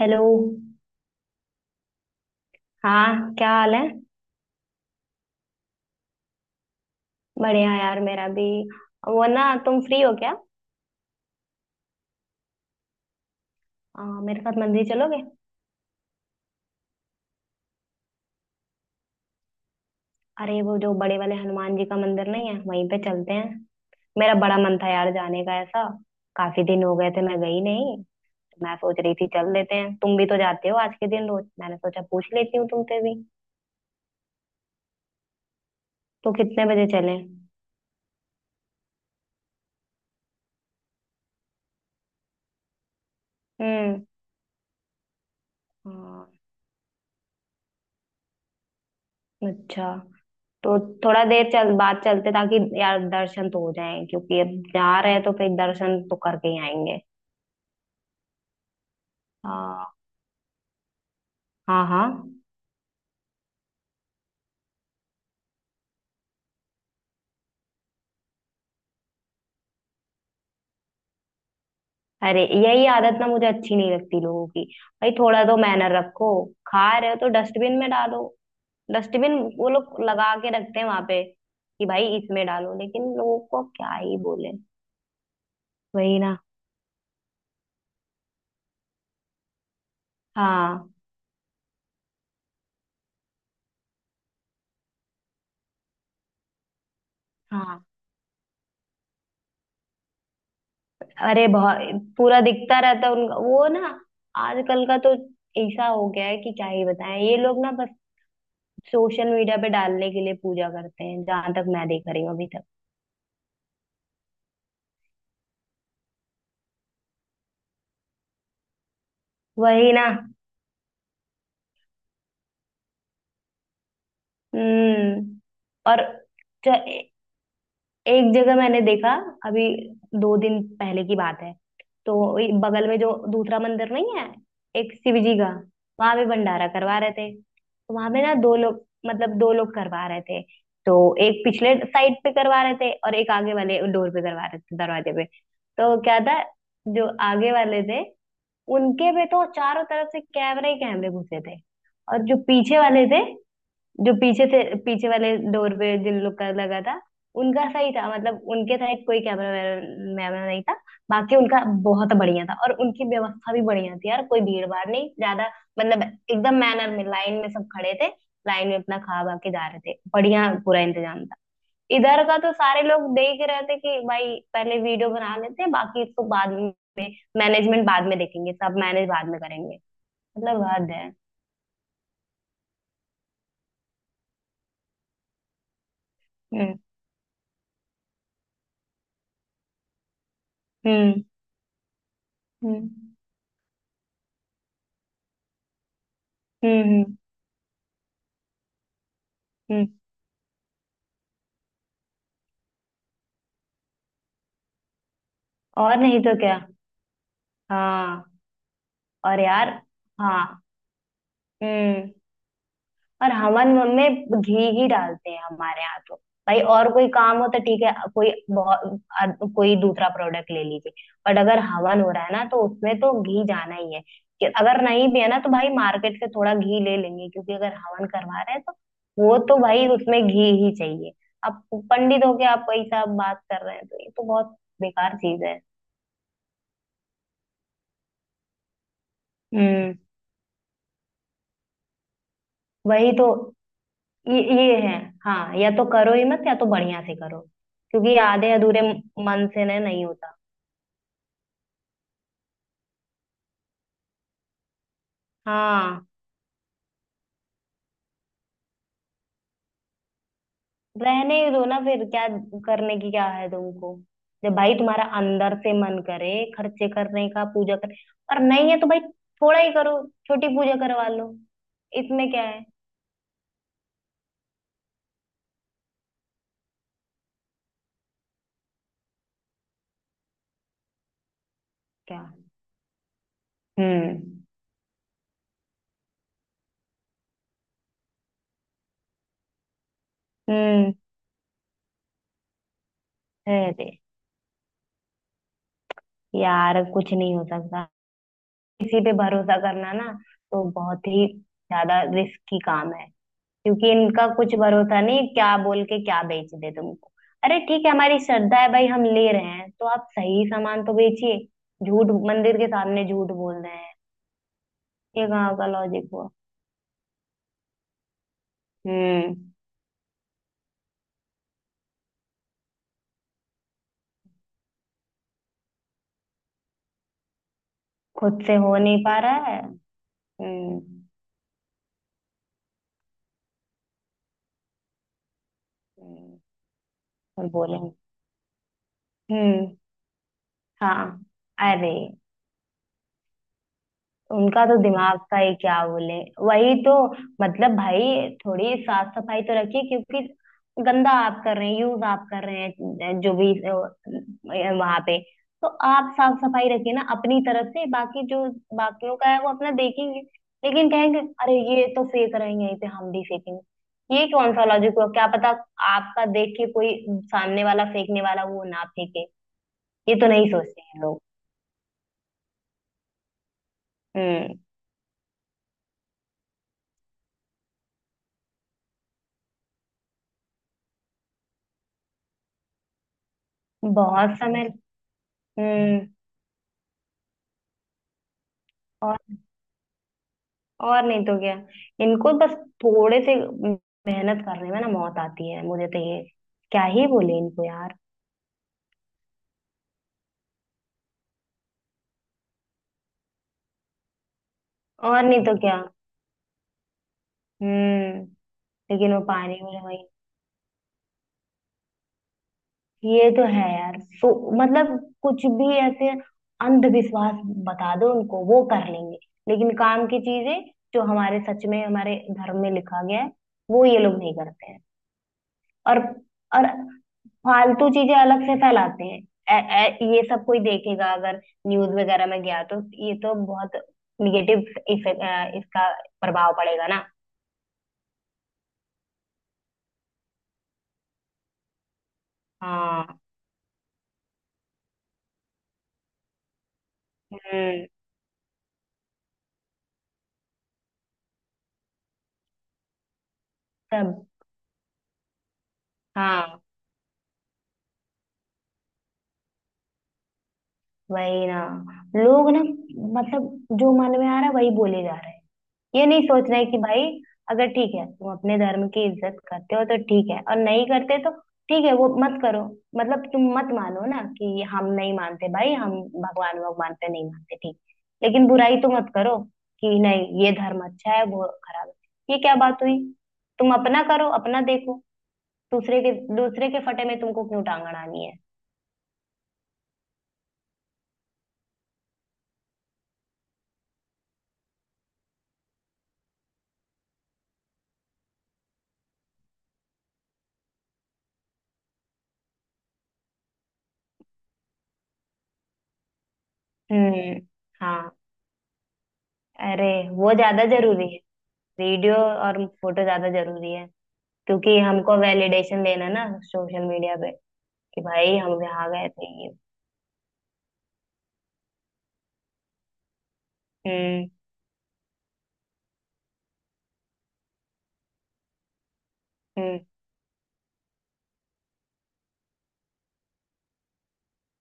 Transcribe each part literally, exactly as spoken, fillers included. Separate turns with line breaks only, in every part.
Hello. हाँ, क्या हाल है? बढ़िया यार, मेरा भी। वो ना, तुम फ्री हो क्या? आ, मेरे साथ मंदिर चलोगे? अरे वो जो बड़े वाले हनुमान जी का मंदिर नहीं है, वहीं पे चलते हैं। मेरा बड़ा मन था यार जाने का ऐसा। काफी दिन हो गए थे, मैं गई नहीं। तो मैं सोच रही थी चल लेते हैं, तुम भी तो जाते हो आज के दिन रोज, मैंने सोचा पूछ लेती हूँ तुमसे भी। तो कितने बजे चलें? हम्म। हाँ, अच्छा। तो थोड़ा देर चल बात चलते ताकि यार दर्शन तो हो जाएं, क्योंकि अब जा रहे हैं तो फिर दर्शन तो करके ही आएंगे। हाँ, हाँ, हाँ। अरे यही आदत ना मुझे अच्छी नहीं लगती लोगों की। भाई थोड़ा तो मैनर रखो। खा रहे हो तो डस्टबिन में डालो। डस्टबिन वो लोग लगा के रखते हैं वहां पे कि भाई इसमें डालो, लेकिन लोगों को क्या ही बोले। वही ना। हाँ, हाँ। अरे बहुत। पूरा दिखता रहता है उनका वो ना। आजकल का तो ऐसा हो गया है कि क्या ही बताएं, ये लोग ना बस सोशल मीडिया पे डालने के लिए पूजा करते हैं, जहां तक मैं देख रही हूँ अभी तक। वही ना। हम्म। और ज- एक जगह मैंने देखा, अभी दो दिन पहले की बात है। तो ये बगल में जो दूसरा मंदिर नहीं है, एक शिव जी का, वहां पे भंडारा करवा रहे थे। तो वहां पे ना दो लोग, मतलब दो लोग करवा रहे थे। तो एक पिछले साइड पे करवा रहे थे और एक आगे वाले डोर पे करवा रहे थे, दरवाजे पे। तो क्या था, जो आगे वाले थे, उनके पे तो चारों तरफ से कैमरे ही कैमरे घुसे थे। और जो पीछे वाले थे, जो पीछे से, पीछे वाले डोर पे जिन लोग का लगा था, उनका सही था। मतलब उनके साइड कोई कैमरा वैमरा नहीं था। बाकी उनका बहुत बढ़िया था और उनकी व्यवस्था भी बढ़िया थी यार, कोई भीड़ भाड़ नहीं ज्यादा। मतलब एकदम मैनर में, लाइन में सब खड़े थे। लाइन में अपना खा खा के जा रहे थे, बढ़िया पूरा इंतजाम था। इधर का तो सारे लोग देख रहे थे कि भाई पहले वीडियो बना लेते हैं, बाकी इसको बाद में। मैनेजमेंट बाद में देखेंगे, सब मैनेज बाद में करेंगे। मतलब हद है। हम्म। हम्म। हम्म। हम्म। हम्म। हम्म, और नहीं तो क्या। हाँ। और यार, हाँ। हम्म। और हमन में घी ही डालते हैं हमारे यहाँ तो। भाई और कोई काम हो तो ठीक है, कोई बहुत अ- कोई दूसरा प्रोडक्ट ले लीजिए। बट अगर हवन हो रहा है ना तो उसमें तो घी जाना ही है। कि अगर नहीं भी है ना तो भाई मार्केट से थोड़ा घी ले लेंगे, क्योंकि अगर हवन करवा रहे हैं तो वो तो भाई उसमें घी ही चाहिए। अब पंडित होके आप वही सब बात कर रहे हैं तो ये तो बहुत बेकार चीज है। हम्म। वही तो। ये ये है। हाँ, या तो करो ही मत या तो बढ़िया से करो। क्योंकि आधे अधूरे मन से ना नहीं होता। हाँ, रहने ही दो ना फिर, क्या करने की क्या है तुमको। जब भाई तुम्हारा अंदर से मन करे खर्चे करने का, पूजा कर। और नहीं है तो भाई थोड़ा ही करो, छोटी पूजा करवा लो। इसमें क्या है। क्या। हम्म। हम्म। रहते, यार कुछ नहीं हो सकता। किसी पे भरोसा करना ना तो बहुत ही ज्यादा रिस्की काम है। क्योंकि इनका कुछ भरोसा नहीं, क्या बोल के क्या बेच दे तुमको। अरे ठीक है, हमारी श्रद्धा है भाई, हम ले रहे हैं तो आप सही सामान तो बेचिए। झूठ, मंदिर के सामने झूठ बोल रहे हैं। ये कहाँ का लॉजिक हुआ। हम्म। खुद से हो नहीं पा रहा है। हम्म। हम्म। और बोलेंगे। हम्म। हाँ। अरे, उनका तो दिमाग का ही क्या बोले। वही तो। मतलब भाई थोड़ी साफ सफाई तो रखिए, क्योंकि गंदा आप कर रहे हैं, यूज आप कर रहे हैं जो भी वहां पे, तो आप साफ सफाई रखिए ना अपनी तरफ से, बाकी जो बाकियों का है वो अपना देखेंगे। लेकिन कहेंगे अरे ये तो फेंक रहे हैं यहीं पे, हम भी फेंकेंगे। ये कौन सा लॉजिक हुआ, क्या पता आपका देख के कोई सामने वाला फेंकने वाला वो ना फेंके। ये तो नहीं सोचते हैं लोग। हम्म। बहुत समय। हम्म। और नहीं तो क्या। इनको बस थोड़े से मेहनत करने में ना मौत आती है, मुझे तो ये क्या ही बोले इनको यार। और नहीं तो क्या। हम्म। लेकिन वो पानी में वही, ये तो है यार। सो मतलब कुछ भी ऐसे अंधविश्वास बता दो उनको वो कर लेंगे, लेकिन काम की चीजें जो हमारे सच में हमारे धर्म में लिखा गया है वो ये लोग नहीं करते हैं। और और फालतू चीजें अलग से फैलाते हैं। ए, ए, ये सब कोई देखेगा अगर न्यूज वगैरह में गया तो, ये तो बहुत निगेटिव इफेक्ट इसका प्रभाव पड़ेगा ना। हाँ। हम्म। सब। हाँ, वही ना। लोग ना, मतलब जो मन में आ रहा है वही बोले जा रहे हैं। ये नहीं सोचना है कि भाई अगर ठीक है तुम अपने धर्म की इज्जत करते हो तो ठीक है, और नहीं करते तो ठीक है वो मत करो। मतलब तुम मत मानो ना, कि हम नहीं मानते भाई हम भगवान भगवान पे नहीं मानते, ठीक। लेकिन बुराई तो मत करो, कि नहीं ये धर्म अच्छा है वो खराब है, ये क्या बात हुई। तुम अपना करो अपना देखो। दूसरे के दूसरे के फटे में तुमको क्यों टांग अड़ानी है। हम्म। हाँ। अरे, वो ज्यादा जरूरी है। वीडियो और फोटो ज्यादा जरूरी है। क्योंकि हमको वैलिडेशन देना ना सोशल मीडिया पे, कि भाई हम यहाँ गए थे, ये। हम्म। हम्म।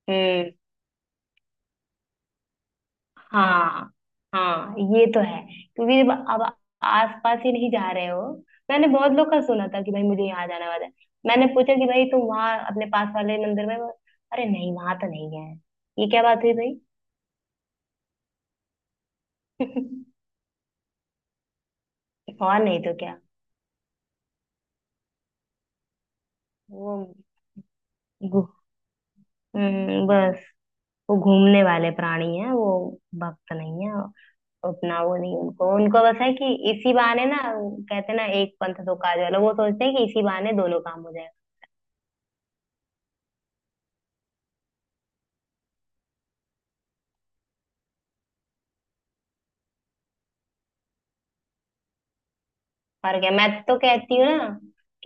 हम्म। हाँ। हाँ, ये तो है क्योंकि अब अब आसपास ही नहीं जा रहे हो। मैंने बहुत लोग का सुना था कि भाई मुझे यहाँ जाना वाला है। मैंने पूछा कि भाई तुम वहाँ अपने पास वाले मंदिर में, अरे नहीं वहां तो नहीं गए हैं। ये क्या बात हुई। भाई और नहीं तो क्या। वो घू- हम्म, बस। वो घूमने वाले प्राणी हैं, वो भक्त नहीं है उतना, वो नहीं। उनको उनको बस है कि इसी बहाने, ना कहते हैं ना एक पंथ दो काज वाला, वो सोचते हैं कि इसी बहाने दोनों काम हो जाएगा। और क्या, मैं तो कहती हूँ ना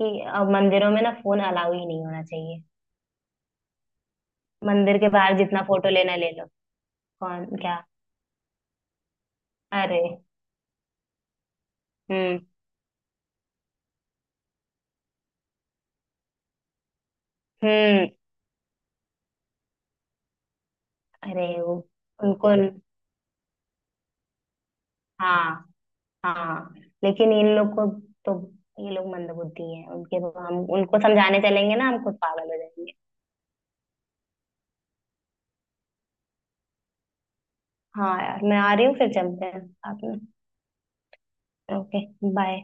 कि अब मंदिरों में ना फोन अलाउ ही नहीं होना चाहिए। मंदिर के बाहर जितना फोटो लेना ले लो। कौन क्या। अरे। हम्म। हम्म। अरे वो, उनको, हाँ, हाँ। लेकिन इन लोग को तो, ये लोग मंदबुद्धि हैं उनके तो, हम उनको समझाने चलेंगे ना हम खुद पागल हो जाएंगे। हाँ यार मैं आ रही हूँ, फिर चलते हैं साथ में। Okay, bye.